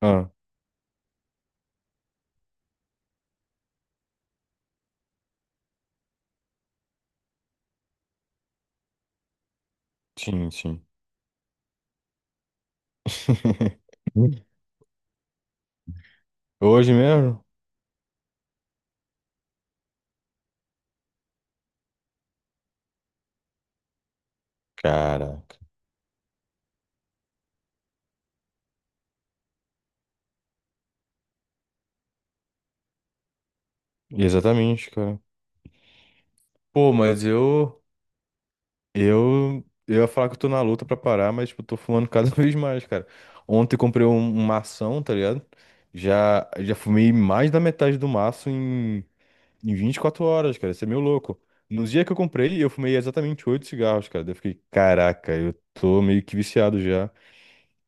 Ah, sim, sim. Hoje mesmo? Caraca. Exatamente, cara. Pô, mas eu, eu ia falar que eu tô na luta pra parar, mas, tipo, eu tô fumando cada vez mais, cara. Ontem eu comprei um mação, tá ligado? Já fumei mais da metade do maço em 24 horas, cara. Isso é meio louco. No dia que eu comprei, eu fumei exatamente 8 cigarros, cara. Daí eu fiquei, caraca, eu tô meio que viciado já.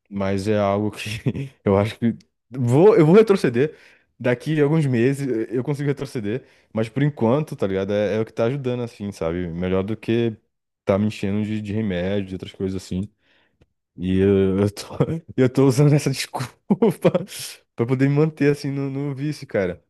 Mas é algo que eu acho que eu vou retroceder. Daqui a alguns meses eu consigo retroceder, mas por enquanto, tá ligado? É, é o que tá ajudando, assim, sabe? Melhor do que tá me enchendo de remédio, de outras coisas assim. E eu tô, eu tô usando essa desculpa pra poder me manter, assim, no vício, cara.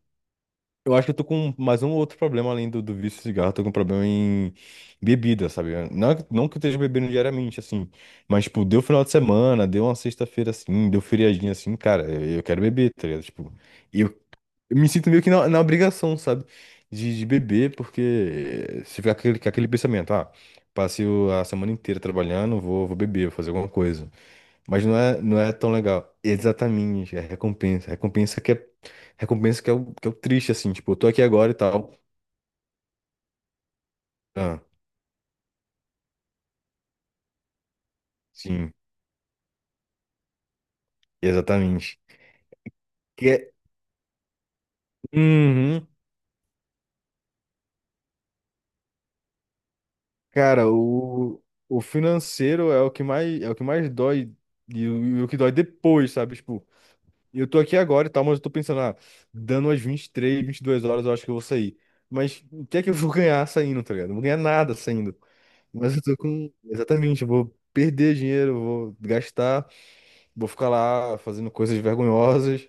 Eu acho que eu tô com mais um outro problema além do vício de cigarro. Eu tô com um problema em bebida, sabe? Não, não que eu esteja bebendo diariamente, assim. Mas, tipo, deu final de semana, deu uma sexta-feira assim, deu feriadinha assim, cara, eu quero beber, tá ligado? Tipo, eu, eu me sinto meio que na obrigação, sabe? De beber, porque se ficar com aquele pensamento, ah, passei a semana inteira trabalhando, vou beber, vou fazer alguma coisa. Mas não é tão legal. Exatamente, é recompensa. Recompensa que é o triste, assim. Tipo, eu tô aqui agora e tal. Ah, sim, exatamente. Que é, uhum, cara, o financeiro é o que mais, é o que mais dói e o que dói depois, sabe? Tipo, eu tô aqui agora e tal, mas eu tô pensando, ah, dando as e três, 22 horas eu acho que eu vou sair. Mas o que é que eu vou ganhar saindo, tá ligado? Não vou ganhar nada saindo. Mas eu tô com. Exatamente, eu vou perder dinheiro, eu vou gastar. Vou ficar lá fazendo coisas vergonhosas.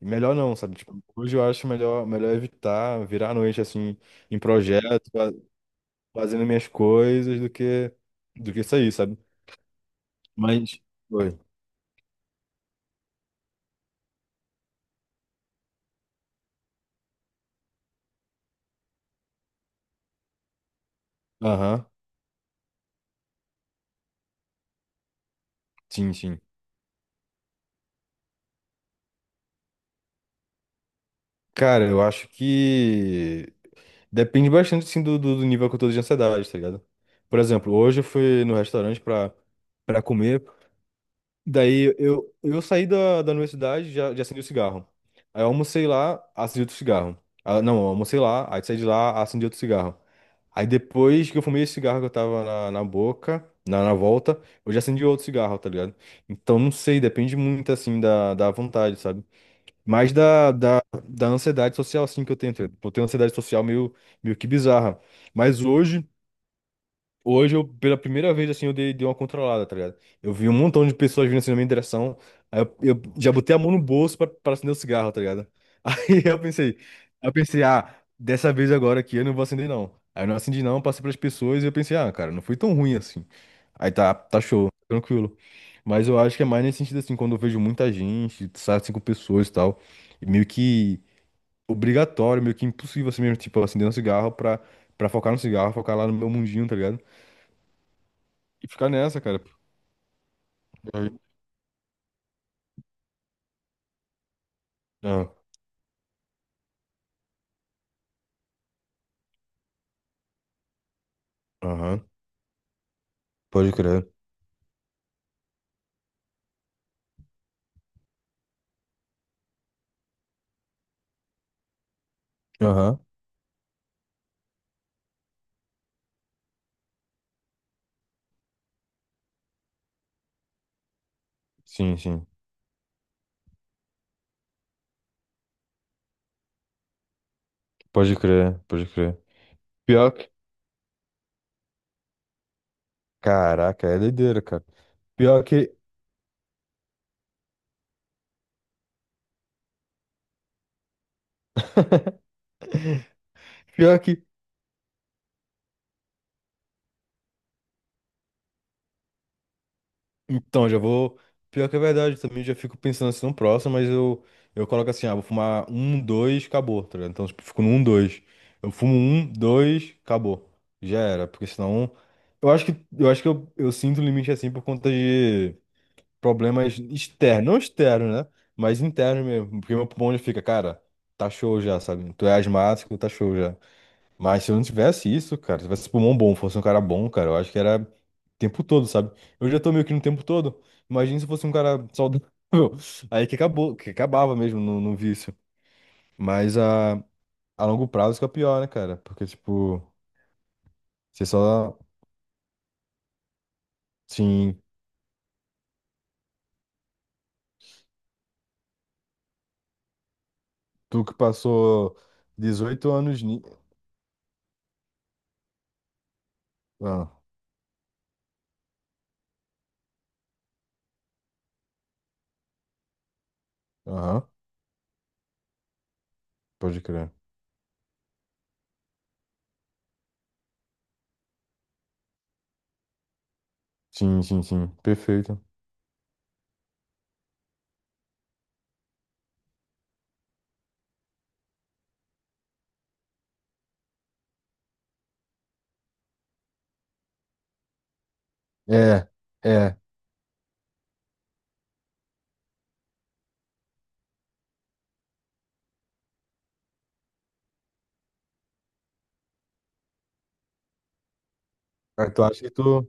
E melhor não, sabe? Tipo, hoje eu acho melhor, melhor evitar virar a noite assim em projeto, fazendo minhas coisas do que isso aí, sabe? Mas Oi. Aham. Sim, sim. Cara, eu acho que depende bastante assim do nível que eu tô de ansiedade, tá ligado? Por exemplo, hoje eu fui no restaurante pra para comer. Daí eu saí da universidade já acendi o cigarro. Aí eu almocei lá, acendi outro cigarro. Ah, não, eu almocei lá, aí saí de lá, acendi outro cigarro. Aí depois que eu fumei esse cigarro que eu tava na boca, na volta, eu já acendi outro cigarro, tá ligado? Então não sei, depende muito assim da vontade, sabe? Mas da ansiedade social assim que eu tenho. Tá ligado? Eu tenho ansiedade social meio que bizarra. Mas hoje. Hoje, eu, pela primeira vez, assim, eu dei uma controlada, tá ligado? Eu vi um montão de pessoas vindo assim na minha direção. Aí eu já botei a mão no bolso pra acender o cigarro, tá ligado? Aí eu pensei, ah, dessa vez agora aqui eu não vou acender, não. Aí eu não acendi, não, passei pras pessoas e eu pensei, ah, cara, não foi tão ruim assim. Aí tá show, tranquilo. Mas eu acho que é mais nesse sentido, assim, quando eu vejo muita gente, sabe, cinco pessoas e tal, e meio que obrigatório, meio que impossível assim mesmo, tipo, acender um cigarro pra focar no cigarro, focar lá no meu mundinho, tá ligado? E ficar nessa, cara. Porque aí- Ah, aham. Pode crer. Aham. Sim, sim. Pode crer, pode crer. Pior que. Caraca, é doideira, cara. Pior que. Pior que. Então, já vou. Pior que é verdade, também já fico pensando assim no próximo, mas eu coloco assim, ah, vou fumar um, dois, acabou, tá ligado? Então, tipo, fico no um, dois. Eu fumo um, dois, acabou. Já era, porque senão. Eu acho que, eu acho que eu sinto o limite assim por conta de problemas externos, não externos, né? Mas internos mesmo, porque meu pulmão já fica, cara, tá show já, sabe? Tu é asmático, tá show já. Mas se eu não tivesse isso, cara, se eu tivesse pulmão bom, fosse um cara bom, cara, eu acho que era o tempo todo, sabe? Eu já tô meio que no tempo todo. Imagina se eu fosse um cara saudável. Aí que acabou, que acabava mesmo no vício. Mas a longo prazo que é o pior, né, cara? Porque, tipo, você só, sim. Tu que passou 18 anos. Ah, aham, pode crer. Sim, sim, sim. Perfeito. É, é. Ah, tu acha que tu.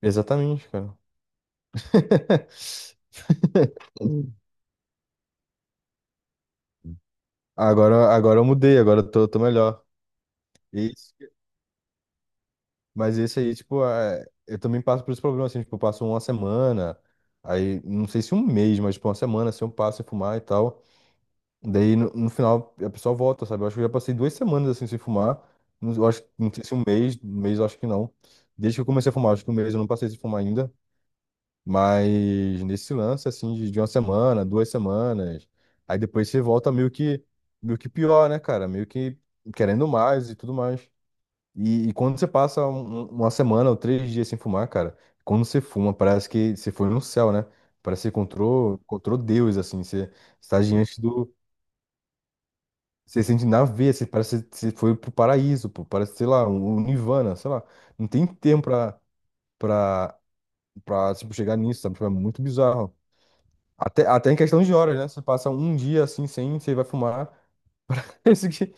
Exatamente, cara. Agora, agora eu mudei, agora eu tô melhor. Isso. Mas esse aí, tipo, é, eu também passo por esse problema, assim, tipo, eu passo uma semana, aí, não sei se um mês, mas, tipo, uma semana, assim, eu passo sem fumar e tal. Daí, no final, a pessoa volta, sabe? Eu acho que eu já passei 2 semanas, assim, sem fumar. Não- Eu acho, não sei se um mês, um mês eu acho que não. Desde que eu comecei a fumar, acho que um mês eu não passei sem fumar ainda. Mas nesse lance, assim, de uma semana, 2 semanas, aí depois você volta meio que pior, né, cara? Meio que querendo mais e tudo mais. E quando você passa uma semana ou 3 dias sem fumar, cara, quando você fuma, parece que você foi no céu, né? Parece que você encontrou, encontrou Deus, assim, você está diante do. Você sente na veia, você parece que você foi pro paraíso, pô, parece, sei lá, um nirvana, sei lá. Não tem tempo pra, tipo, chegar nisso, sabe? Tipo, é muito bizarro. Até em questão de horas, né? Você passa um dia assim sem, você vai fumar. Isso que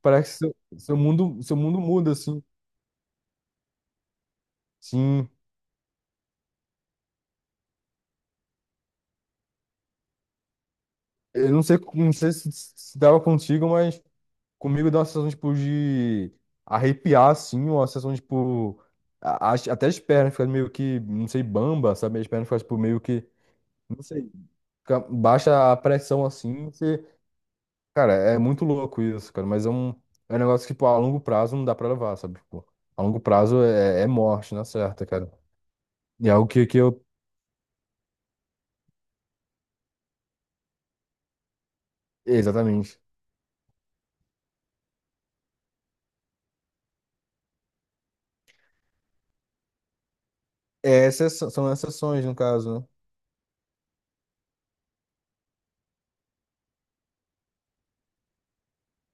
parece que seu mundo, seu mundo muda, assim. Sim. Eu não sei, não sei se dava contigo, mas comigo dá uma sensação, tipo, de arrepiar, assim, uma sensação, tipo. Até as pernas ficam meio que, não sei, bamba, sabe? As pernas ficam, tipo, meio que. Não sei. Baixa a pressão assim. Cara, é muito louco isso, cara, mas é um negócio que, tipo, a, longo prazo não dá pra levar, sabe? Tipo, a longo prazo é morte, na certa, cara. E é algo que eu. Exatamente. É exceção- são exceções, no caso, né?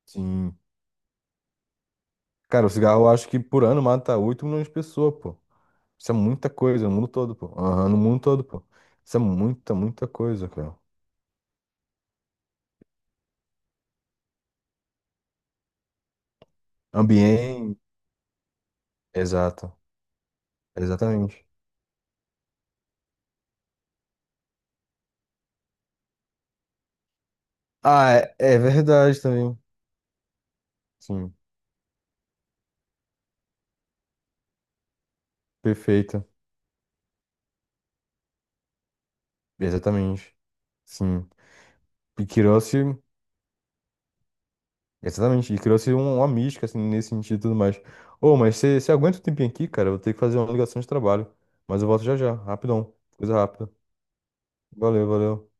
Sim. Cara, o cigarro eu acho que por ano mata 8 milhões de pessoas, pô. Isso é muita coisa, no mundo todo, pô. Aham, no mundo todo, pô. Isso é muita, muita coisa, cara. Ambiente. Exato. Exatamente. Ah, é, é verdade também. Sim. Perfeito. Exatamente. Sim. E Kirossi, exatamente, e Kirossi é um- uma mística, assim, nesse sentido e tudo mais. Ô, mas você aguenta um tempinho aqui, cara? Eu vou ter que fazer uma ligação de trabalho. Mas eu volto já já, rapidão, coisa rápida. Valeu, valeu.